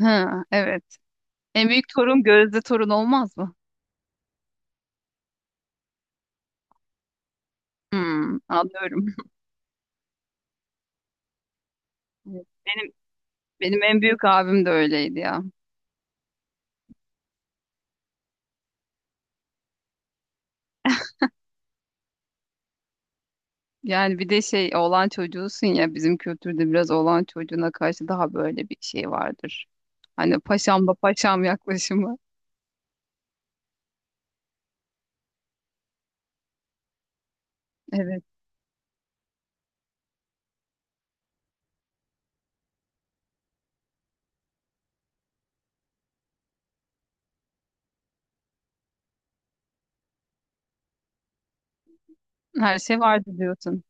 Ha, evet. En büyük torun Gözde torun olmaz mı? Hmm, anlıyorum. Evet. Benim en büyük abim de öyleydi ya. Yani bir de şey, oğlan çocuğusun ya, bizim kültürde biraz oğlan çocuğuna karşı daha böyle bir şey vardır. Hani paşam da paşam yaklaşımı. Evet. Her şey vardı diyorsun.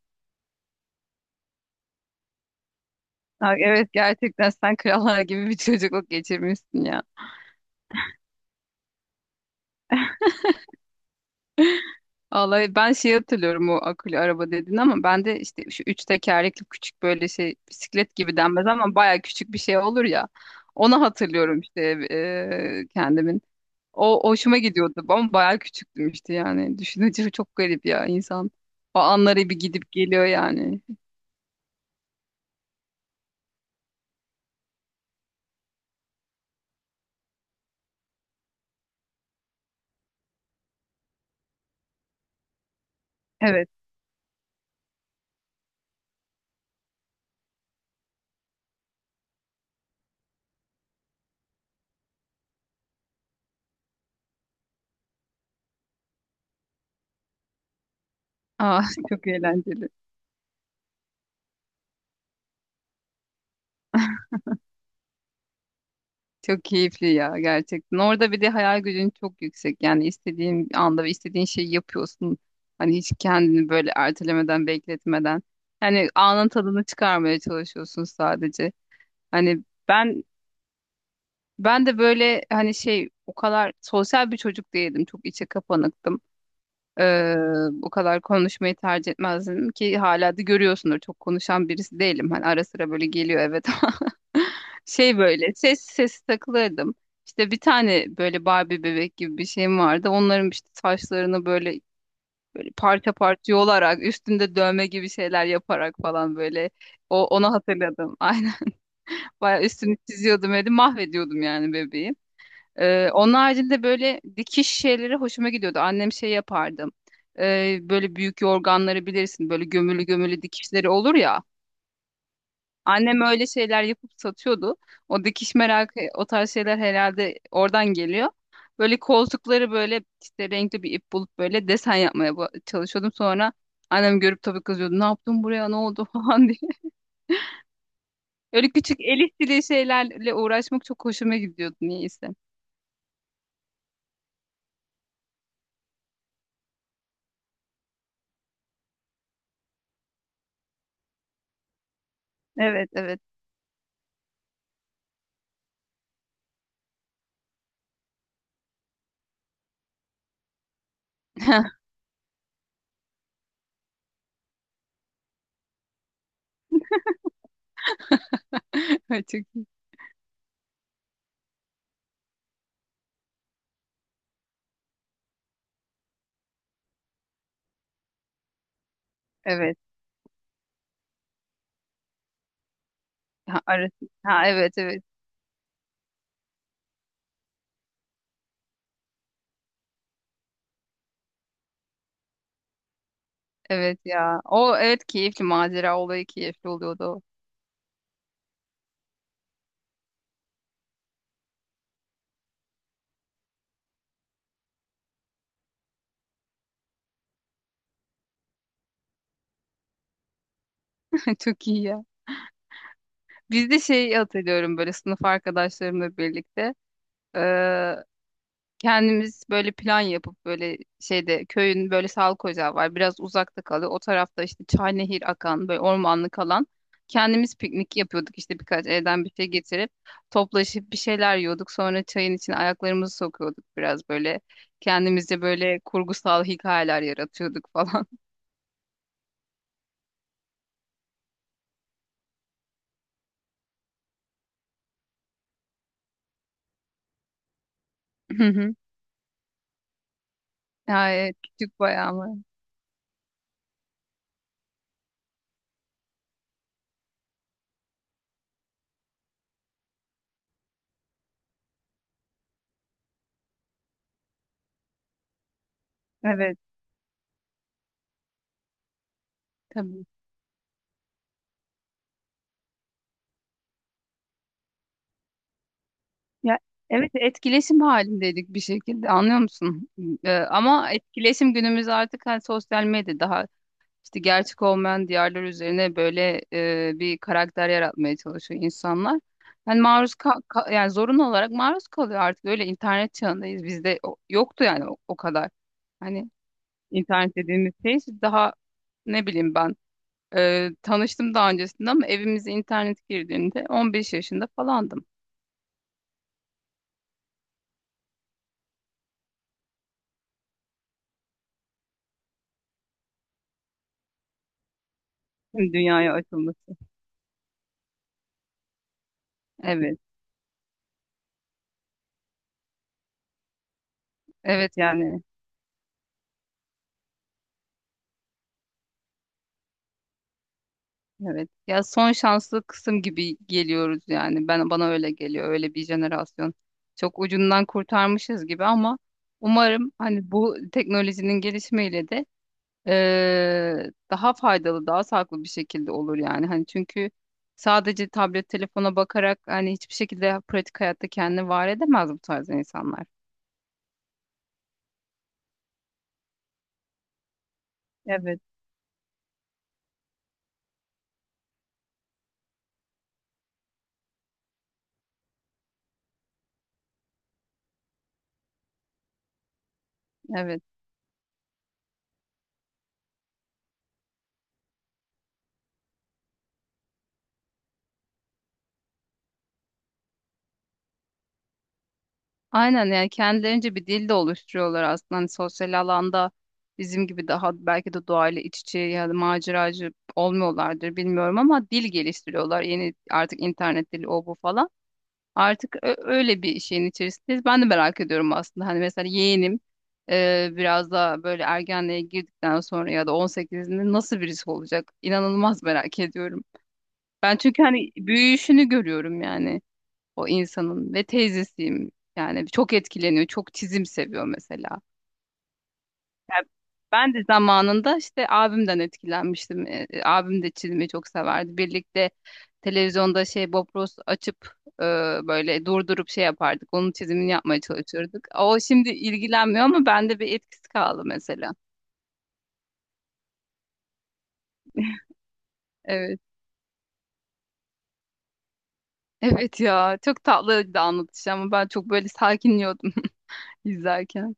Ha, evet, gerçekten sen krallar gibi bir çocukluk geçirmişsin ya. Vallahi ben şey hatırlıyorum, o akülü araba dedin ama ben de işte şu üç tekerlekli küçük böyle şey, bisiklet gibi denmez ama baya küçük bir şey olur ya. Onu hatırlıyorum işte, kendimin. O hoşuma gidiyordu ama baya küçüktüm işte yani. Düşününce çok garip ya insan. O anları bir gidip geliyor yani. Evet. Aa, çok eğlenceli. Çok keyifli ya gerçekten. Orada bir de hayal gücün çok yüksek. Yani istediğin anda ve istediğin şeyi yapıyorsun. Hani hiç kendini böyle ertelemeden, bekletmeden. Yani anın tadını çıkarmaya çalışıyorsun sadece. Hani ben de böyle hani şey, o kadar sosyal bir çocuk değildim. Çok içe kapanıktım. Ee, O kadar konuşmayı tercih etmezdim ki hala da görüyorsundur. Çok konuşan birisi değilim. Hani ara sıra böyle geliyor, evet, ama şey, böyle ses sesi takılırdım. İşte bir tane böyle Barbie bebek gibi bir şeyim vardı. Onların işte saçlarını böyle böyle parça parça yolarak, üstünde dövme gibi şeyler yaparak falan, böyle onu hatırladım. Aynen. Bayağı üstünü çiziyordum, öyle mahvediyordum yani bebeği. Onun haricinde böyle dikiş şeyleri hoşuma gidiyordu. Annem şey yapardı. Böyle büyük yorganları bilirsin. Böyle gömülü gömülü dikişleri olur ya. Annem öyle şeyler yapıp satıyordu. O dikiş merakı, o tarz şeyler herhalde oradan geliyor. Böyle koltukları böyle işte renkli bir ip bulup böyle desen yapmaya çalışıyordum. Sonra annem görüp tabii kızıyordu. Ne yaptın buraya, ne oldu falan diye. Öyle küçük el işçiliği şeylerle uğraşmak çok hoşuma gidiyordu niyeyse. Evet evet. Çok iyi. Evet. Ha, arası. Ha, evet evet. Evet ya. O evet, keyifli, macera olayı keyifli oluyordu. Çok iyi ya. Biz de şey hatırlıyorum, böyle sınıf arkadaşlarımla birlikte. Kendimiz böyle plan yapıp böyle şeyde, köyün böyle sağlık ocağı var. Biraz uzakta kalıyor. O tarafta işte çay, nehir akan böyle ormanlık alan. Kendimiz piknik yapıyorduk işte, birkaç evden bir şey getirip toplaşıp bir şeyler yiyorduk. Sonra çayın içine ayaklarımızı sokuyorduk biraz böyle. Kendimizce böyle kurgusal hikayeler yaratıyorduk falan. Hı hı. Ya, evet, küçük bayağı mı? Evet tabii. Ya evet, etkileşim halindeydik bir şekilde, anlıyor musun? Ama etkileşim, günümüz artık hani sosyal medya, daha işte gerçek olmayan diyarlar üzerine böyle bir karakter yaratmaya çalışıyor insanlar. Yani yani zorunlu olarak maruz kalıyor, artık öyle internet çağındayız. Bizde yoktu yani o, o kadar. Hani internet dediğimiz şey işte, daha ne bileyim ben e, tanıştım daha öncesinde, ama evimize internet girdiğinde 15 yaşında falandım. Şimdi dünyaya açılması. Evet. Evet yani, evet. Ya, son şanslı kısım gibi geliyoruz yani. Ben, bana öyle geliyor. Öyle bir jenerasyon. Çok ucundan kurtarmışız gibi ama umarım hani bu teknolojinin gelişmeyle de daha faydalı, daha sağlıklı bir şekilde olur yani. Hani çünkü sadece tablet, telefona bakarak hani hiçbir şekilde pratik hayatta kendini var edemez bu tarz insanlar. Evet, evet. Aynen, yani kendilerince bir dil de oluşturuyorlar aslında. Hani sosyal alanda bizim gibi daha belki de doğayla iç içe ya da maceracı olmuyorlardır, bilmiyorum, ama dil geliştiriyorlar. Yeni, artık internet dili, o bu falan. Artık öyle bir şeyin içerisindeyiz. Ben de merak ediyorum aslında. Hani mesela yeğenim biraz daha böyle ergenliğe girdikten sonra ya da 18'inde nasıl birisi olacak? İnanılmaz merak ediyorum. Ben çünkü hani büyüyüşünü görüyorum yani, o insanın ve teyzesiyim. Yani çok etkileniyor, çok çizim seviyor mesela. Yani ben de zamanında işte abimden etkilenmiştim. Abim de çizimi çok severdi. Birlikte televizyonda şey Bob Ross açıp, e, böyle durdurup şey yapardık. Onun çizimini yapmaya çalışırdık. O şimdi ilgilenmiyor ama bende bir etkisi kaldı mesela. Evet. Evet ya, çok tatlıydı anlatış, ama ben çok böyle sakinliyordum izlerken.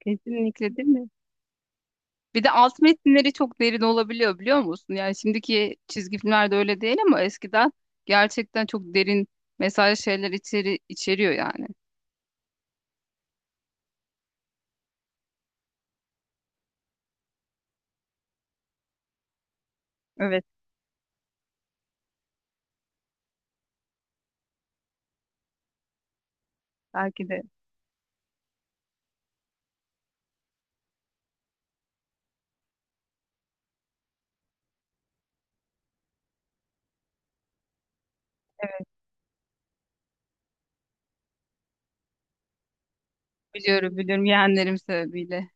Kesinlikle değil mi? Bir de alt metinleri çok derin olabiliyor, biliyor musun? Yani şimdiki çizgi filmlerde öyle değil ama eskiden gerçekten çok derin mesaj şeyler içeriyor yani. Evet, belki de. Biliyorum biliyorum, yeğenlerim sebebiyle.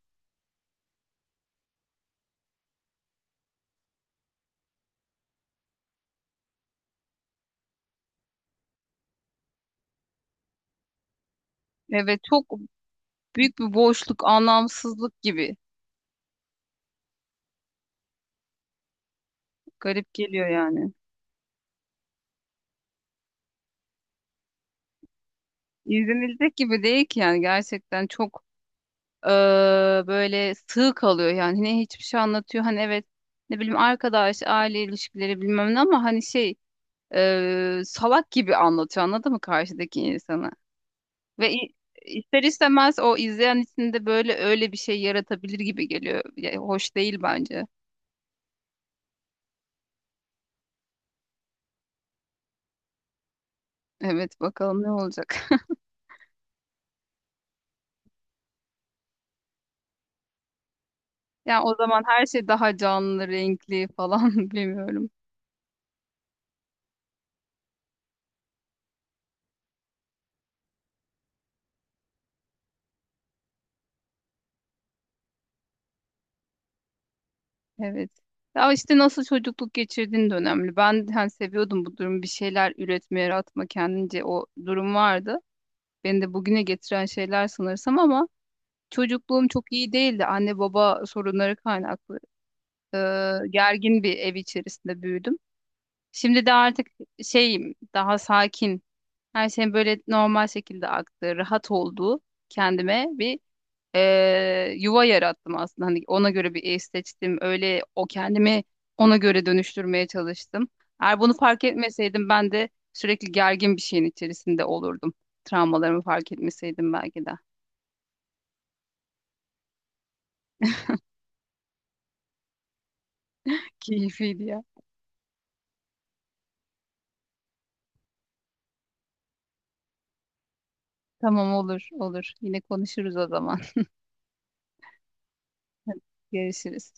Evet, çok büyük bir boşluk, anlamsızlık gibi, garip geliyor yani. İzlenilecek gibi değil ki, yani gerçekten çok eee, böyle sığ kalıyor yani. Ne hiçbir şey anlatıyor, hani evet, ne bileyim, arkadaş, aile ilişkileri, bilmem ne, ama hani şey, salak gibi anlatıyor, anladın mı, karşıdaki insanı? Ve i- ister istemez o izleyen içinde böyle öyle bir şey yaratabilir gibi geliyor. Ya, hoş değil bence. Evet, bakalım ne olacak. Yani o zaman her şey daha canlı, renkli falan, bilmiyorum. Evet. Ya işte nasıl çocukluk geçirdiğin de önemli. Ben hani seviyordum bu durumu. Bir şeyler üretme, yaratma, kendince o durum vardı. Beni de bugüne getiren şeyler sanırsam, ama çocukluğum çok iyi değildi. Anne baba sorunları kaynaklı. e, Gergin bir ev içerisinde büyüdüm. Şimdi de artık şeyim, daha sakin. Her şeyin böyle normal şekilde aktığı, rahat olduğu, kendime bir yuva yarattım aslında. Hani ona göre bir ev seçtim. Öyle, o kendimi ona göre dönüştürmeye çalıştım. Eğer bunu fark etmeseydim ben de sürekli gergin bir şeyin içerisinde olurdum. Travmalarımı fark etmeseydim belki de. Keyifliydi ya. Tamam, olur olur. Yine konuşuruz o zaman. Görüşürüz.